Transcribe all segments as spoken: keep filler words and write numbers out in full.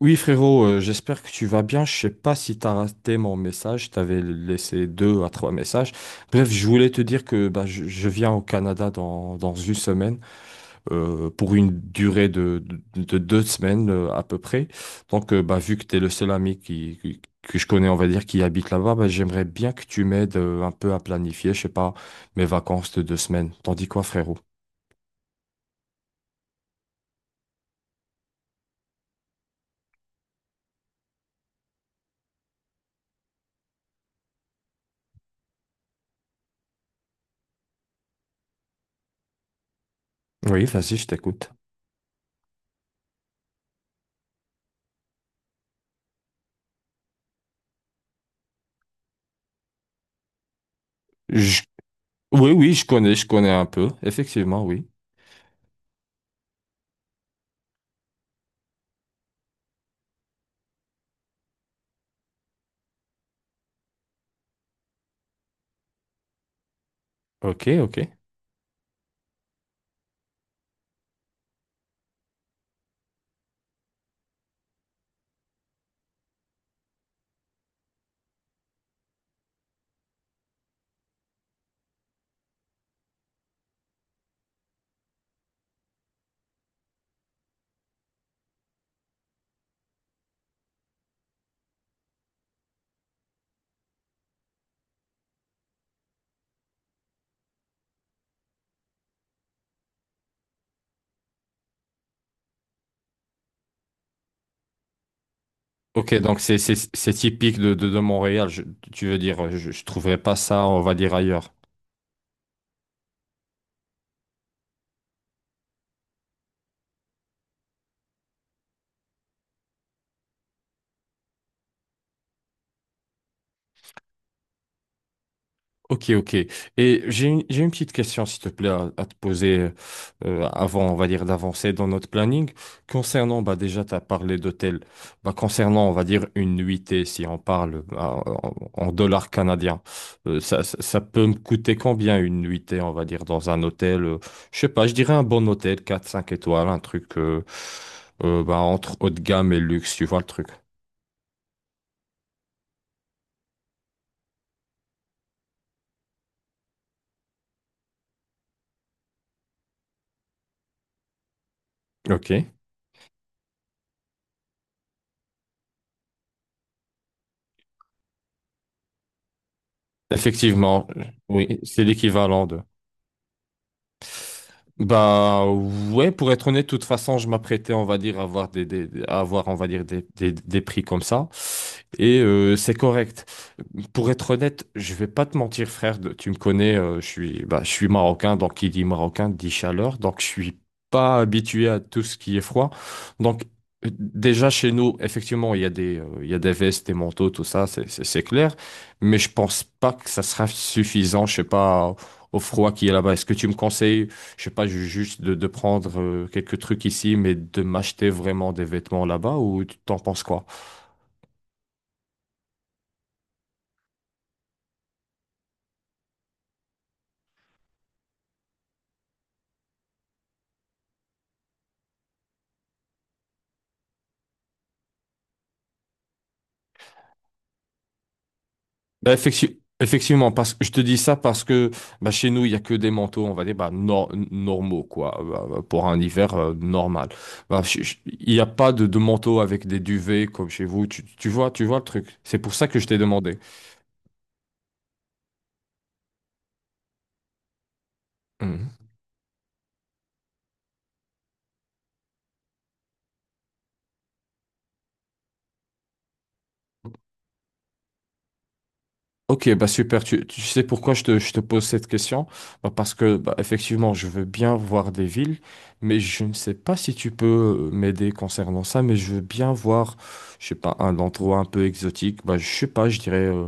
Oui, frérot, euh, j'espère que tu vas bien. Je sais pas si tu as raté mon message. Je t'avais laissé deux à trois messages. Bref, je voulais te dire que bah, je, je viens au Canada dans, dans une semaine euh, pour une durée de, de, de deux semaines euh, à peu près. Donc, euh, bah, vu que tu es le seul ami qui, qui- que je connais, on va dire, qui habite là-bas, bah, j'aimerais bien que tu m'aides euh, un peu à planifier, je sais pas, mes vacances de deux semaines. T'en dis quoi, frérot? Oui, vas-y, je t'écoute. Je- Oui, oui, je connais, je connais un peu. Effectivement, oui. Ok, ok. Ok, donc c'est c'est- c'est typique de, de, de Montréal. Je- tu veux dire, je, je trouverais pas ça, on va dire, ailleurs. Ok, ok. Et j'ai une, j'ai une petite question, s'il te plaît, à, à te poser euh, avant, on va dire, d'avancer dans notre planning. Concernant, bah, déjà, tu as parlé d'hôtel. Bah, concernant, on va dire, une nuitée, si on parle bah, en, en dollars canadiens, euh, ça, ça, ça peut me coûter combien une nuitée, on va dire, dans un hôtel? Euh, je sais pas, je dirais un bon hôtel, quatre cinq étoiles, un truc euh, euh, bah, entre haut de gamme et luxe, tu vois le truc. Ok. Effectivement, oui, c'est l'équivalent de… Bah ouais, pour être honnête, de toute façon, je m'apprêtais, on va dire, à avoir des, des- à avoir, on va dire, des, des, des prix comme ça. Et euh, c'est correct. Pour être honnête, je vais pas te mentir, frère. de- Tu me connais, euh, je suis, bah, je suis marocain, donc qui dit marocain dit chaleur, donc je suis pas habitué à tout ce qui est froid. Donc euh, déjà chez nous, effectivement, il y a des, euh, il y a des vestes, des manteaux, tout ça, c'est c'est- c'est clair. Mais je pense pas que ça sera suffisant, je sais pas, au froid qui est là-bas. Est-ce que tu me conseilles? Je sais pas, ju- juste de, de prendre euh, quelques trucs ici, mais de m'acheter vraiment des vêtements là-bas, ou tu t'en penses quoi? Bah, effectu- effectivement, parce que je te dis ça parce que bah, chez nous, il y a que des manteaux, on va dire, bah, nor- normaux, quoi, euh, bah, bah, pour un hiver euh, normal. Bah, je- je- il n'y a pas de, de manteau avec des duvets comme chez vous. Tu, tu vois, tu vois le truc. C'est pour ça que je t'ai demandé. Mhm. Ok, bah super. Tu, tu sais pourquoi je te, je te pose cette question? Bah parce que bah, effectivement, je veux bien voir des villes, mais je ne sais pas si tu peux euh, m'aider concernant ça. Mais je veux bien voir, je sais pas, un endroit un peu exotique. Bah je sais pas, je dirais euh,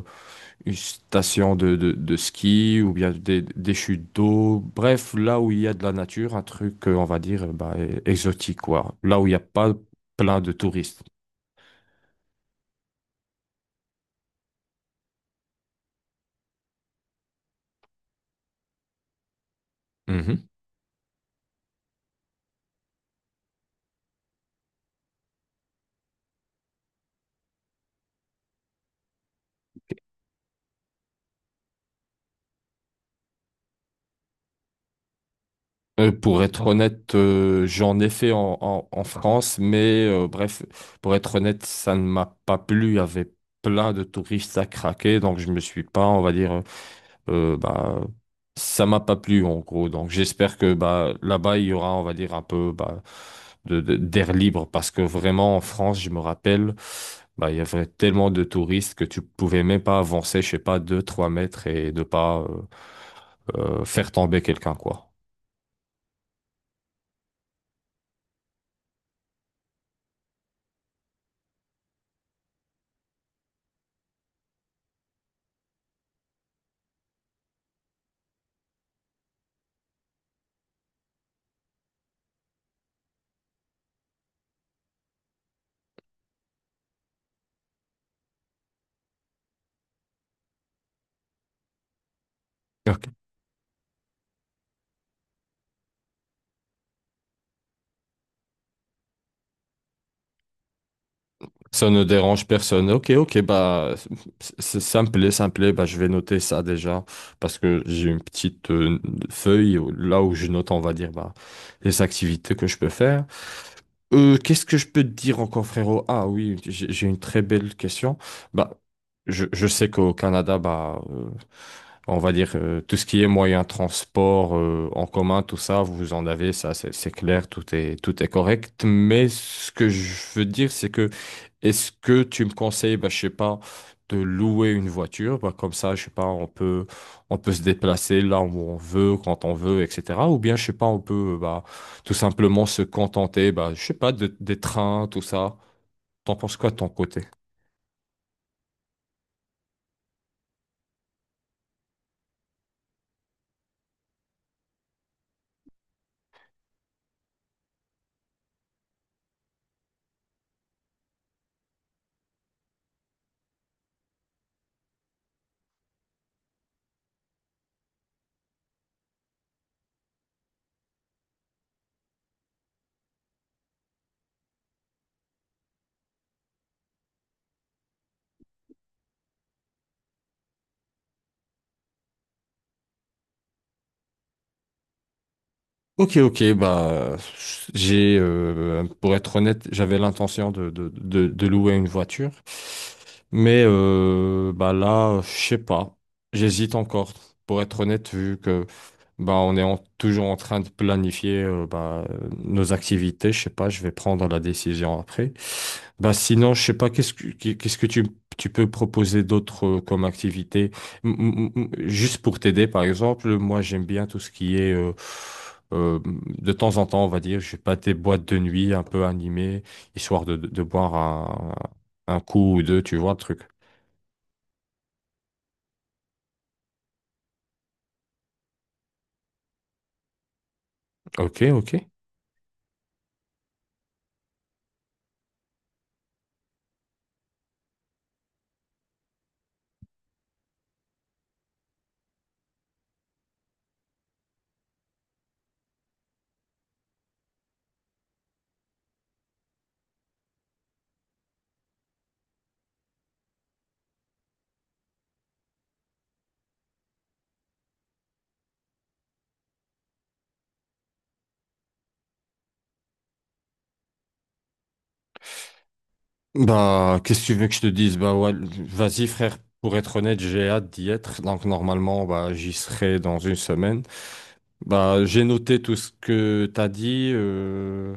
une station de, de, de ski, ou bien des, des chutes d'eau. Bref, là où il y a de la nature, un truc euh, on va dire euh, bah, euh, exotique, quoi. Là où il n'y a pas plein de touristes. Mm-hmm. Euh, pour être honnête, euh, j'en ai fait en, en- en France, mais euh, bref, pour être honnête, ça ne m'a pas plu. Il y avait plein de touristes à craquer, donc je me suis pas, on va dire, euh, euh, bah, ça m'a pas plu en gros. Donc j'espère que bah, là-bas, il y aura, on va dire, un peu bah, de, de- d'air libre, parce que vraiment en France, je me rappelle, bah, il y avait tellement de touristes que tu pouvais même pas avancer, je sais pas, deux trois mètres, et de pas euh, euh, faire tomber quelqu'un, quoi. Ça ne dérange personne. Ok, ok, bah, c- c- ça me plaît, ça me plaît. Bah, je vais noter ça déjà parce que j'ai une petite euh, feuille où- là où je note, on va dire, bah, les activités que je peux faire. Euh, qu'est-ce que je peux te dire encore, frérot? Ah oui, j'ai j'ai une très belle question. Bah, je, je sais qu'au Canada, bah, euh, on va dire, euh, tout ce qui est moyen de transport euh, en commun, tout ça, vous en avez, ça, c'est c'est clair, tout est, tout est correct. Mais ce que je veux dire, c'est que est-ce que tu me conseilles, bah, je sais pas, de louer une voiture, bah, comme ça, je sais pas, on peut, on peut se déplacer là où on veut, quand on veut, et cétéra. Ou bien, je sais pas, on peut, bah, tout simplement se contenter, bah, je sais pas, de- des trains, tout ça. T'en penses quoi de ton côté? Ok, ok, bah j'ai euh, pour être honnête, j'avais l'intention de, de, de, de louer une voiture, mais euh, bah là, je sais pas, j'hésite encore, pour être honnête, vu que bah on est en- toujours en train de planifier euh, bah, nos activités, je sais pas, je vais prendre la décision après. Bah sinon, je sais pas, qu'est-ce que, qu'est-ce que tu, tu peux proposer d'autre euh, comme activité? M- m- m- Juste pour t'aider, par exemple, moi j'aime bien tout ce qui est, euh, euh, de temps en temps, on va dire, je sais pas, des boîtes de nuit un peu animées, histoire de, de, de boire un, un coup ou deux, tu vois, le truc. Ok, ok. Bah, qu'est-ce que tu veux que je te dise? Bah ouais, vas-y frère, pour être honnête, j'ai hâte d'y être. Donc normalement, bah, j'y serai dans une semaine. Bah, j'ai noté tout ce que t'as dit. euh,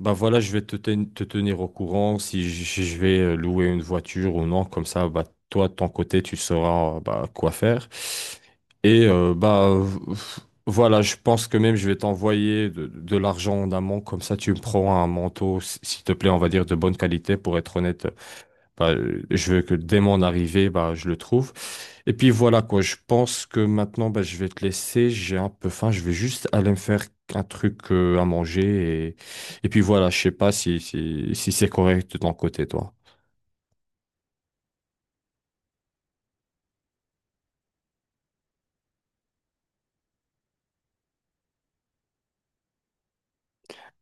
Bah voilà, je vais te, ten- te tenir au courant si j- si je vais euh, louer une voiture ou non. Comme ça, bah, toi, de ton côté, tu sauras euh, bah, quoi faire. Et euh, bah v- voilà, je pense que même je vais t'envoyer de, de l'argent en amont. Comme ça, tu me prends un manteau, s- s'il te plaît, on va dire de bonne qualité, pour être honnête. Bah, euh, je veux que dès mon arrivée, bah, je le trouve. Et puis voilà quoi, je pense que maintenant, bah, je vais te laisser, j'ai un peu faim, je vais juste aller me faire un truc euh, à manger. Et, et puis voilà, je sais pas si, si, si c'est correct de ton côté, toi.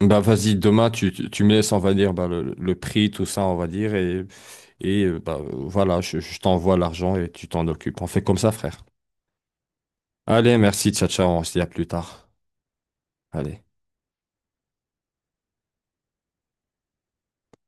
Bah vas-y, demain, tu, tu tu me laisses, on va dire, bah, le, le prix, tout ça, on va dire. Et, et euh, bah, voilà, je, je t'envoie l'argent et tu t'en occupes. On fait comme ça, frère. Allez, merci, ciao, ciao, on se dit à plus tard. Allez.